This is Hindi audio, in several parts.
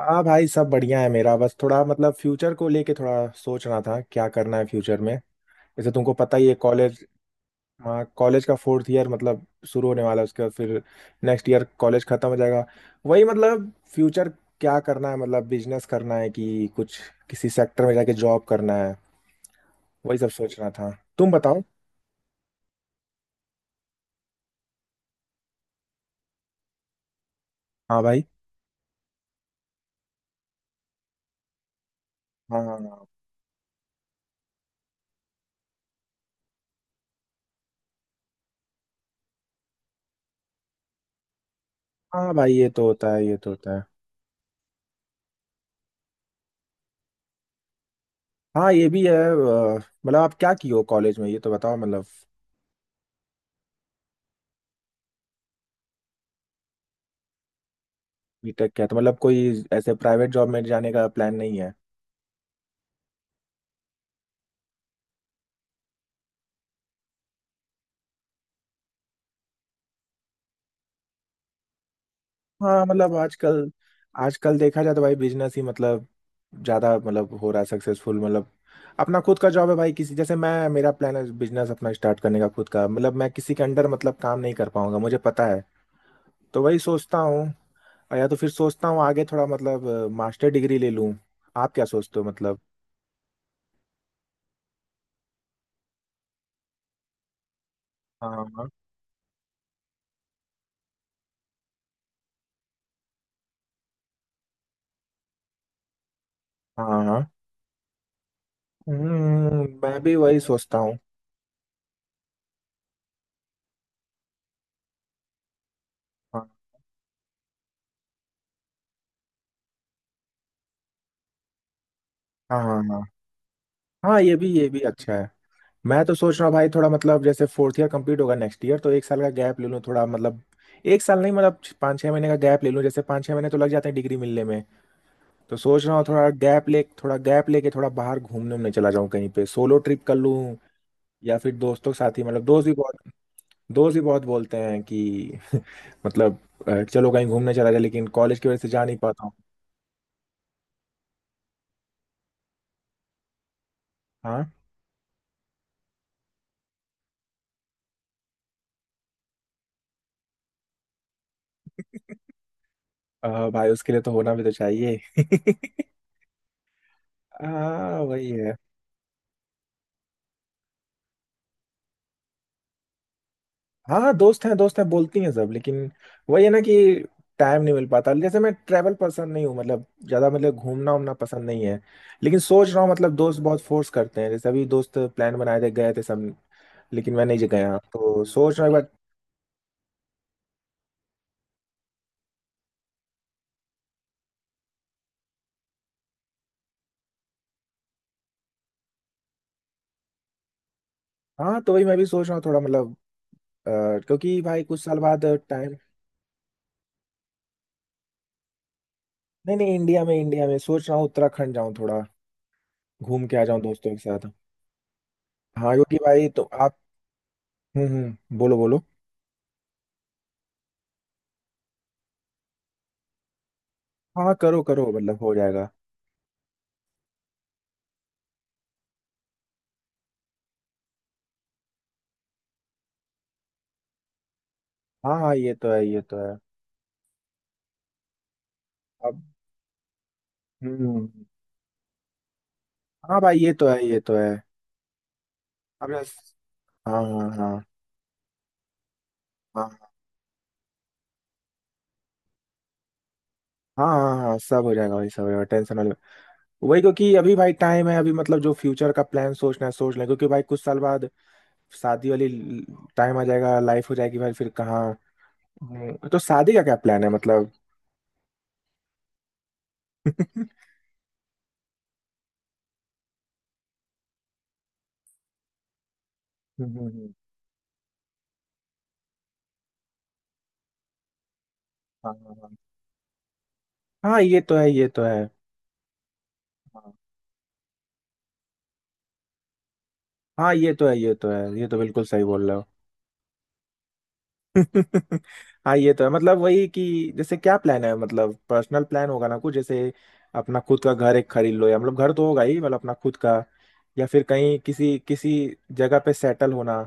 हाँ भाई, सब बढ़िया है। मेरा बस थोड़ा मतलब फ्यूचर को लेके थोड़ा सोच रहा था क्या करना है फ्यूचर में। जैसे तुमको पता ही है कॉलेज। हाँ कॉलेज का फोर्थ ईयर मतलब शुरू होने वाला है, उसके बाद फिर नेक्स्ट ईयर कॉलेज खत्म हो जाएगा। वही मतलब फ्यूचर, क्या करना है। मतलब बिजनेस करना है कि कुछ किसी सेक्टर में जाके जॉब करना है। वही सब सोच रहा था। तुम बताओ। हाँ भाई। हाँ, हाँ, हाँ। हाँ भाई ये तो होता है, ये तो होता है। हाँ ये भी है। मतलब आप क्या किए हो कॉलेज में, ये तो बताओ मतलब। बीटेक? क्या तो मतलब कोई ऐसे प्राइवेट जॉब में जाने का प्लान नहीं है? हाँ मतलब आजकल, आजकल देखा जाए तो भाई बिजनेस ही मतलब ज्यादा मतलब हो रहा है सक्सेसफुल। मतलब अपना खुद का जॉब है भाई। किसी जैसे मैं, मेरा प्लान है बिजनेस अपना स्टार्ट करने का, खुद का। मतलब मैं किसी के अंडर मतलब काम नहीं कर पाऊंगा, मुझे पता है। तो वही सोचता हूँ। और या तो फिर सोचता हूँ आगे थोड़ा मतलब मास्टर डिग्री ले लूँ। आप क्या सोचते हो मतलब? हाँ, हाँ, हाँ, हाँ। हम्म, मैं भी वही सोचता हूँ। हाँ हाँ, हाँ, हाँ। हाँ, ये भी अच्छा है। मैं तो सोच रहा हूँ भाई, थोड़ा मतलब जैसे फोर्थ ईयर कंप्लीट होगा नेक्स्ट ईयर तो एक साल का गैप ले लूँ थोड़ा मतलब। एक साल नहीं, मतलब 5-6 महीने का गैप ले लूँ। जैसे 5-6 महीने तो लग जाते हैं डिग्री मिलने में। तो सोच रहा हूँ थोड़ा गैप ले, थोड़ा गैप लेके थोड़ा बाहर घूमने उमने चला जाऊँ कहीं पे, सोलो ट्रिप कर लूँ। या फिर दोस्तों के साथ ही। मतलब दोस्त भी बहुत, दोस्त भी बहुत बोलते हैं कि मतलब चलो कहीं घूमने चला जाए, लेकिन कॉलेज की वजह से जा नहीं पाता हूँ। हाँ भाई उसके लिए तो होना भी तो चाहिए। हाँ वही। हाँ हाँ, दोस्त हैं बोलती हैं सब, लेकिन वही है ना कि टाइम नहीं मिल पाता। जैसे मैं ट्रैवल पर्सन नहीं हूँ मतलब, ज्यादा मतलब घूमना उमना पसंद नहीं है। लेकिन सोच रहा हूँ, मतलब दोस्त बहुत फोर्स करते हैं। जैसे अभी दोस्त प्लान बनाए थे, गए थे सब, लेकिन मैं नहीं गया, तो सोच रहा हूँ एक बार। हाँ तो वही मैं भी सोच रहा हूँ थोड़ा मतलब। अ, क्योंकि भाई कुछ साल बाद टाइम। नहीं नहीं इंडिया में, इंडिया में सोच रहा हूँ। उत्तराखंड जाऊँ थोड़ा, घूम के आ जाऊँ दोस्तों के साथ। हाँ क्योंकि भाई तो आप। हम्म, बोलो बोलो। हाँ करो करो, मतलब हो जाएगा। हाँ हाँ ये तो है, ये तो है। अब। हम्म। हाँ भाई ये तो है, ये तो है। अब हाँ, हाँ, हाँ। हाँ। हाँ, हाँ, हाँ, सब हो जाएगा भाई, सब हो जाएगा, टेंशन वाले। वही, क्योंकि अभी भाई टाइम है। अभी मतलब जो फ्यूचर का प्लान सोचना है सोच लें, क्योंकि भाई कुछ साल बाद शादी वाली टाइम आ जाएगा, लाइफ हो जाएगी भाई फिर कहाँ। तो शादी का क्या प्लान है मतलब? हम्म, हम्म। हाँ, हाँ, हाँ। हाँ ये तो है, ये तो है। हाँ हाँ, ये तो है ये तो है, ये तो बिल्कुल सही बोल रहे हो। हाँ ये तो है, मतलब वही कि जैसे क्या प्लान है मतलब, पर्सनल प्लान होगा ना कुछ, जैसे अपना खुद का घर एक खरीद लो। या मतलब घर तो होगा ही मतलब अपना खुद का, या फिर कहीं किसी किसी जगह पे सेटल होना।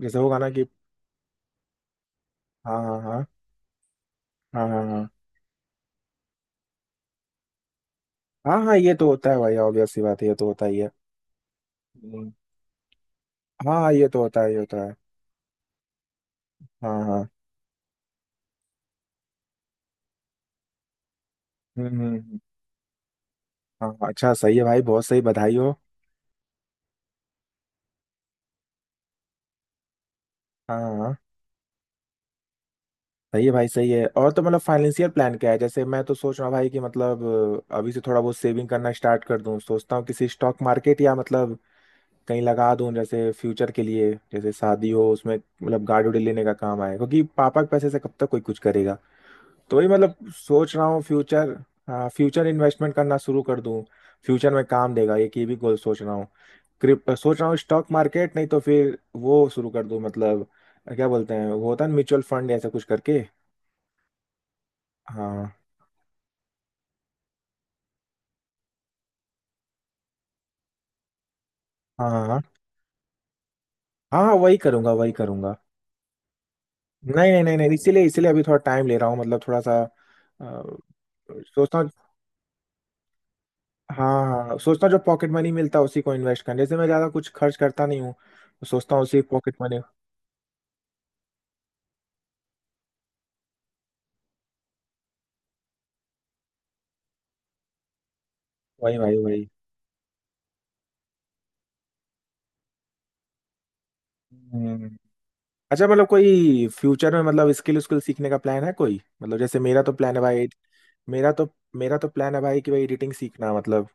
जैसे होगा ना कि हाँ, हाँ, हाँ। हाँ, हाँ, हाँ। हाँ हाँ ये तो होता है भाई, ऑब्वियस सी बात है, ये तो होता ही है। हम्म, हाँ हाँ, ये तो होता है, ये होता है। हाँ, हाँ। हम्म, हम्म, हम्म। हाँ हाँ, अच्छा सही है भाई, बहुत सही, बधाई हो। हाँ, हाँ, हाँ। सही है भाई, सही है। और तो मतलब फाइनेंशियल प्लान क्या है? जैसे मैं तो सोच रहा हूँ भाई कि मतलब अभी से थोड़ा बहुत सेविंग करना स्टार्ट कर दूं। सोचता हूँ किसी स्टॉक मार्केट या मतलब कहीं लगा दूं, जैसे फ्यूचर के लिए। जैसे शादी हो उसमें मतलब, गाड़ी उड़ी लेने का काम आए, क्योंकि पापा के पैसे से कब तक कोई कुछ करेगा। तो वही मतलब सोच रहा हूँ फ्यूचर। हाँ फ्यूचर इन्वेस्टमेंट करना शुरू कर दूं, फ्यूचर में काम देगा, एक ये की भी गोल सोच रहा हूँ। सोच रहा हूँ स्टॉक मार्केट नहीं तो फिर वो शुरू कर दूं मतलब। क्या बोलते हैं वो होता है म्यूचुअल फंड, ऐसा कुछ करके। हाँ, हाँ। हाँ, हाँ, वही करूंगा, वही करूंगा। नहीं नहीं नहीं नहीं, इसीलिए इसीलिए अभी थोड़ा टाइम ले रहा हूँ, मतलब थोड़ा सा। सोचता हूँ। हाँ। हाँ, सोचता हूँ जो पॉकेट मनी मिलता है उसी को इन्वेस्ट करने। जैसे मैं ज़्यादा कुछ खर्च करता नहीं हूँ, तो सोचता हूँ उसी पॉकेट मनी। वही, वही, वही। हम्म। अच्छा मतलब कोई फ्यूचर में मतलब स्किल स्किल सीखने का प्लान है कोई? मतलब जैसे मेरा तो प्लान है भाई। मेरा तो मेरा तो प्लान है भाई कि भाई एडिटिंग सीखना मतलब।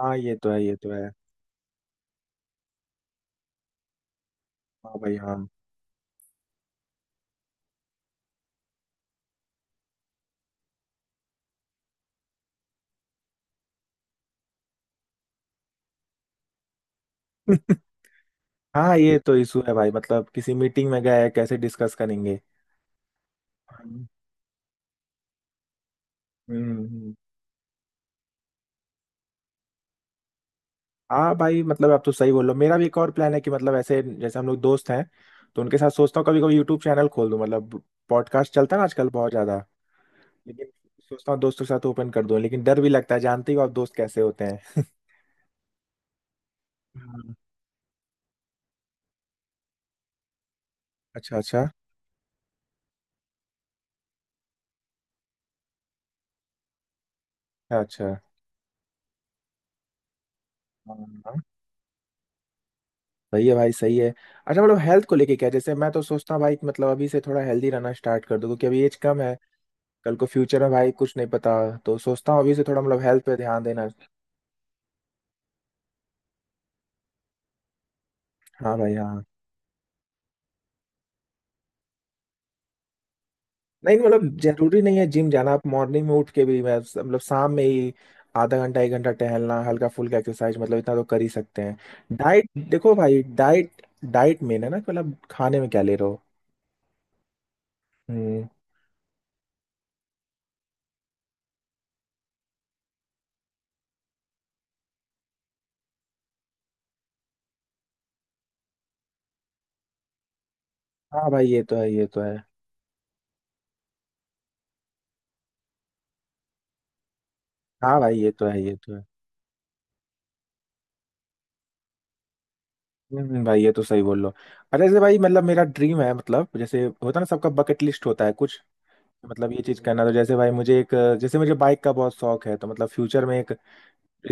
हाँ ये तो है, ये तो है। हाँ भाई हाँ। हाँ ये तो इशू है भाई, मतलब किसी मीटिंग में गए कैसे डिस्कस करेंगे। हम्म। हम्म। हाँ भाई मतलब आप तो सही बोल रहे हो। मेरा भी एक और प्लान है कि मतलब ऐसे जैसे हम लोग दोस्त हैं तो उनके साथ सोचता हूँ, कभी कभी यूट्यूब चैनल खोल दूँ मतलब। पॉडकास्ट चलता है ना आजकल बहुत ज्यादा, लेकिन सोचता हूँ दोस्तों के साथ ओपन कर दूँ, लेकिन डर भी लगता है, जानते ही हो आप दोस्त कैसे होते हैं। हाँ। अच्छा, अच्छा। अच्छा। हाँ, हाँ, सही है भाई, सही है। अच्छा मतलब हेल्थ को लेके क्या? जैसे मैं तो सोचता हूँ भाई कि मतलब अभी से थोड़ा हेल्दी रहना स्टार्ट कर दूँ, क्योंकि अभी एज कम है। कल को फ्यूचर है भाई, कुछ नहीं पता। तो सोचता हूँ अभी से थोड़ा मतलब हेल्थ पे ध्यान देना। हाँ भाई, हाँ। नहीं मतलब जरूरी नहीं है जिम जाना। आप मॉर्निंग में उठ के भी, मैं मतलब शाम में ही आधा घंटा एक घंटा टहलना, हल्का फुल्का एक्सरसाइज, मतलब इतना तो कर ही सकते हैं। डाइट देखो भाई, डाइट। डाइट मेन है ना कि मतलब खाने में क्या ले रहे हो। हम्म। हाँ भाई ये तो है, ये तो है। हाँ भाई ये तो है, ये तो है। भाई ये तो सही बोल लो। अरे जैसे भाई मतलब मेरा ड्रीम है, मतलब जैसे होता है ना सबका बकेट लिस्ट होता है कुछ, मतलब ये चीज करना। तो जैसे भाई मुझे एक, जैसे मुझे बाइक का बहुत शौक है, तो मतलब फ्यूचर में एक।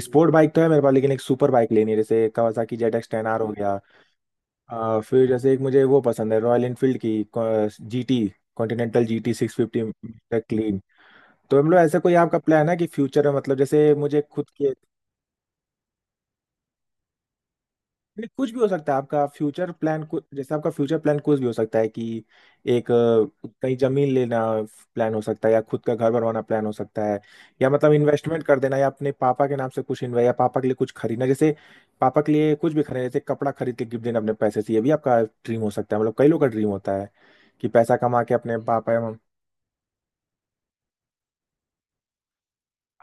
स्पोर्ट बाइक तो है मेरे पास, लेकिन एक सुपर बाइक लेनी है, जैसे कावासाकी जेड एक्स 10 आर हो गया। फिर जैसे एक मुझे वो पसंद है, रॉयल एनफील्ड की जीटी, कॉन्टिनेंटल जीटी 650। क्लीन। तो मतलब ऐसा कोई आपका प्लान है कि फ्यूचर में, मतलब जैसे मुझे खुद की। नहीं, कुछ भी हो सकता है आपका फ्यूचर प्लान। जैसे आपका फ्यूचर प्लान कुछ भी हो सकता है कि एक, कहीं जमीन लेना प्लान हो सकता है, या खुद का घर बनवाना प्लान हो सकता है, या मतलब इन्वेस्टमेंट कर देना, या अपने पापा के नाम से कुछ इन्वेस्ट, या पापा के लिए कुछ खरीदना। जैसे पापा के लिए कुछ भी खरीदना, जैसे कपड़ा खरीद के गिफ्ट देना अपने पैसे से, ये भी आपका ड्रीम हो सकता है। मतलब कई लोग का ड्रीम होता है कि पैसा कमा के अपने पापा या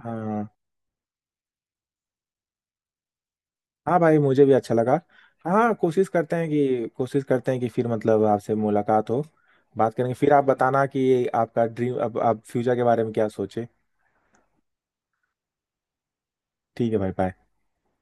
हाँ। हाँ भाई, मुझे भी अच्छा लगा। हाँ कोशिश करते हैं कि, कोशिश करते हैं कि फिर मतलब आपसे मुलाकात हो, बात करेंगे। फिर आप बताना कि आपका ड्रीम, अब आप फ्यूचर के बारे में क्या सोचे। ठीक है भाई, बाय।